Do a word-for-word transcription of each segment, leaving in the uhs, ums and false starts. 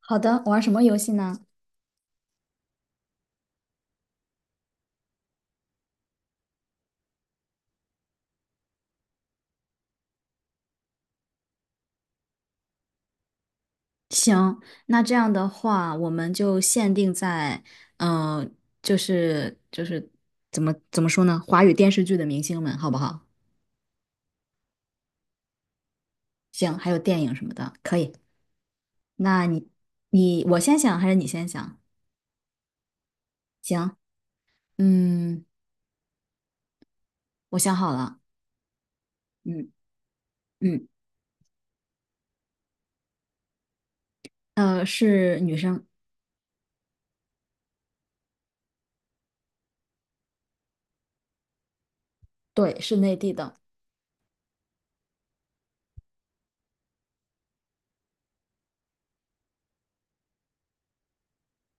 好的，玩什么游戏呢？行，那这样的话，我们就限定在，嗯、呃就是就是怎么怎么说呢？华语电视剧的明星们，好不好？行，还有电影什么的，可以。那你你我先想还是你先想？行，嗯，我想好了。嗯嗯，呃，是女生。对，是内地的。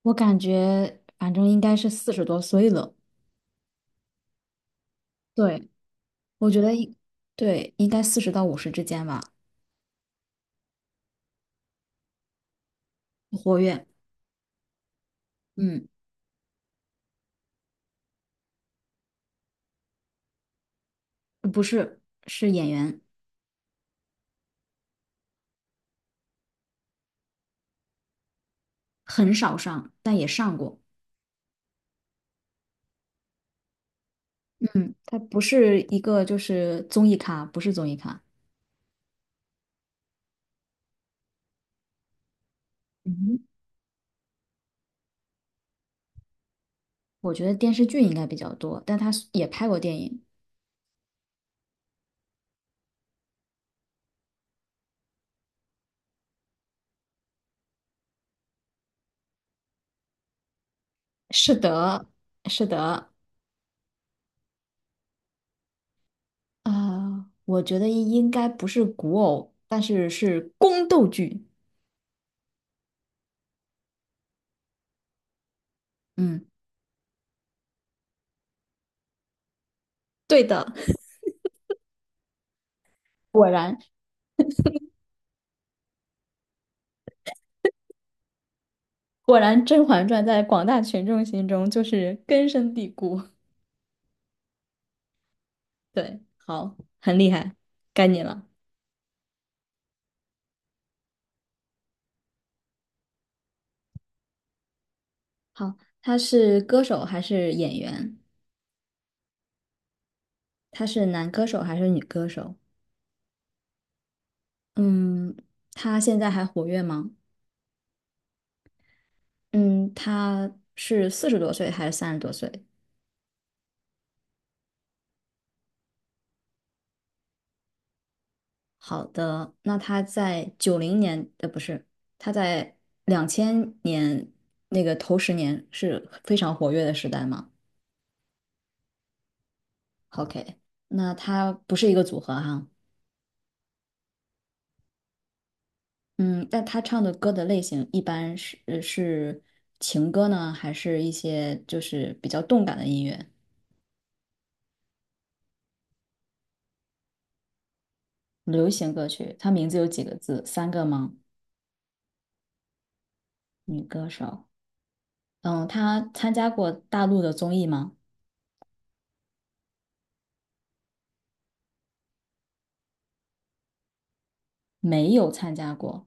我感觉反正应该是四十多岁了。对，我觉得应对应该四十到五十之间吧。活跃。嗯，不是，是演员。很少上，但也上过。嗯，他不是一个就是综艺咖，不是综艺咖。嗯，我觉得电视剧应该比较多，但他也拍过电影。是的，是的。呃，我觉得应该不是古偶，但是是宫斗剧。嗯，对的。果然果然，《甄嬛传》在广大群众心中就是根深蒂固。对，好，很厉害，该你了。好，他是歌手还是演员？他是男歌手还是女歌手？嗯，他现在还活跃吗？嗯，他是四十多岁还是三十多岁？好的，那他在九零年，呃，不是，他在两千年那个头十年是非常活跃的时代吗？OK，那他不是一个组合哈、嗯，但他唱的歌的类型一般是呃是情歌呢，还是一些就是比较动感的音乐？流行歌曲，他名字有几个字？三个吗？女歌手。嗯，她参加过大陆的综艺吗？没有参加过。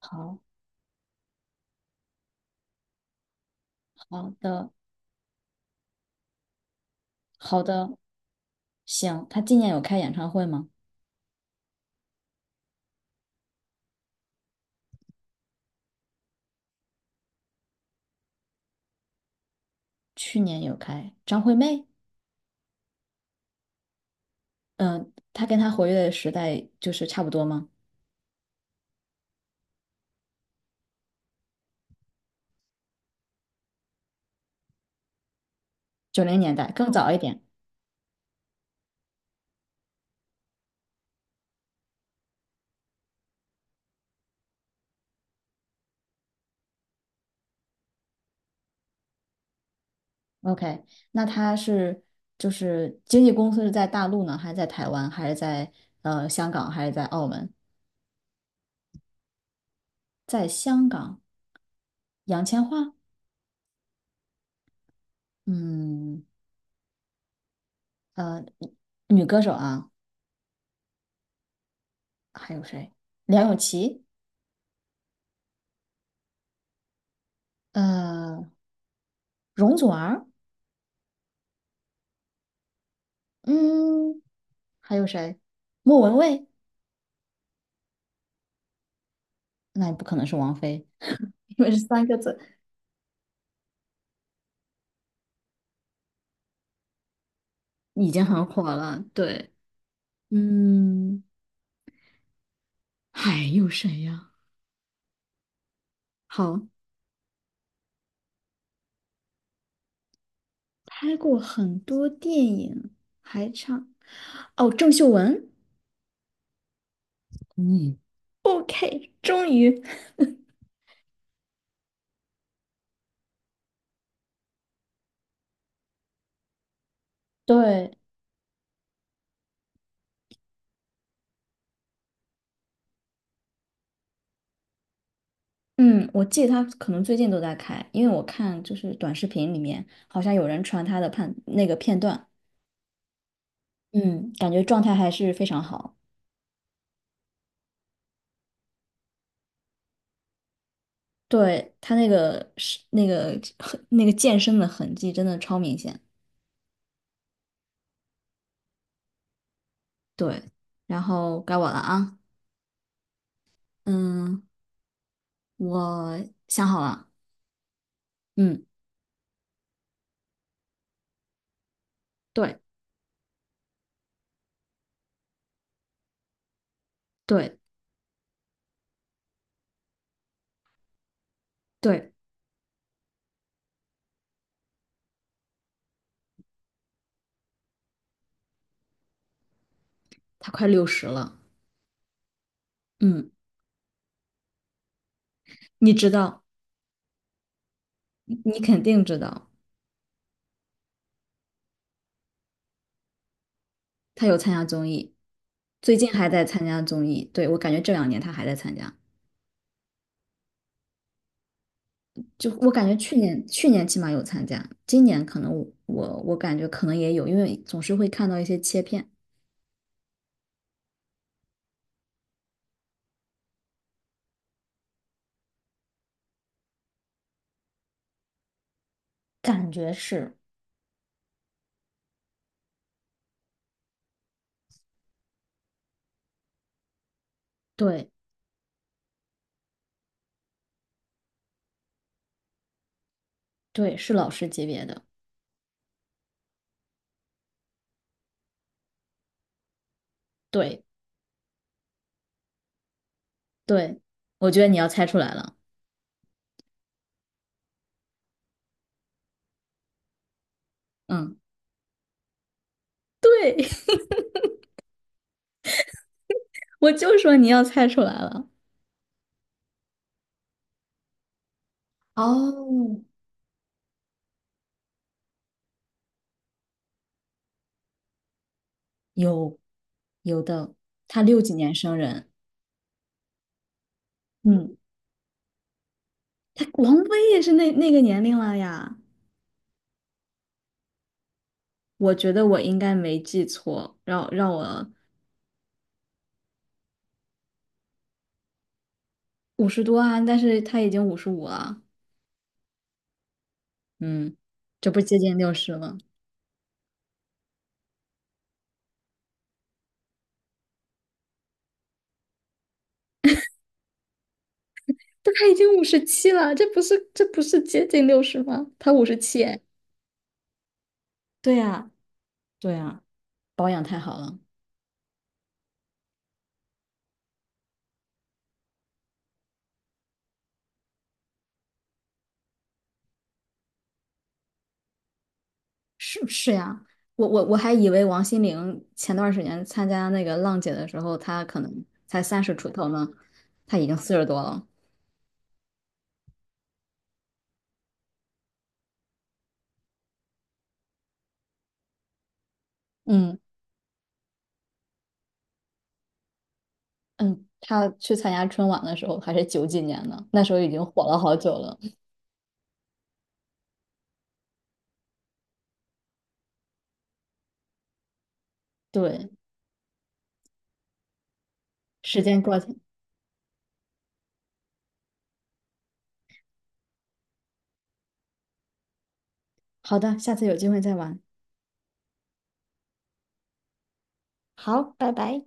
好，好的，好的，行。她今年有开演唱会吗？去年有开。张惠妹，嗯，她跟她活跃的时代就是差不多吗？九零年代，更早一点。OK，那他是就是经纪公司是在大陆呢，还是在台湾，还是在呃香港，还是在澳门？在香港。杨千嬅，嗯，呃，女歌手啊，还有谁？梁咏琪，呃，容祖儿，嗯，还有谁？莫文蔚，那也不可能是王菲，因为是三个字，已经很火了。对，嗯，还有谁呀？好，拍过很多电影，还唱，哦，郑秀文。嗯，OK，终于，对。嗯，我记得他可能最近都在开，因为我看就是短视频里面好像有人传他的判那个片段。嗯，感觉状态还是非常好。对，他那个是那个 那个健身的痕迹真的超明显。对，然后该我了啊。嗯，我想好了。嗯，对对对。他快六十了。嗯，你知道，你肯定知道。他有参加综艺，最近还在参加综艺。对，我感觉这两年他还在参加，就我感觉去年去年起码有参加，今年可能我我我感觉可能也有，因为总是会看到一些切片。感觉是，对对，是老师级别的。对对，我觉得你要猜出来了。嗯，对，我就说你要猜出来了。哦，有，有的。他六几年生人。嗯，他王菲也是那那个年龄了呀。我觉得我应该没记错，让让我五十多啊，但是他已经五十五了。嗯，这不接近六十了。但他已经五十七了，这不是这不是接近六十吗？他五十七，哎，对呀，对呀，保养太好了。是不是呀？我我我还以为王心凌前段时间参加那个浪姐的时候，她可能才三十出头呢，她已经四十多了。嗯。嗯，他去参加春晚的时候还是九几年呢，那时候已经火了好久了。对，时间过去。好的，下次有机会再玩。好，拜拜。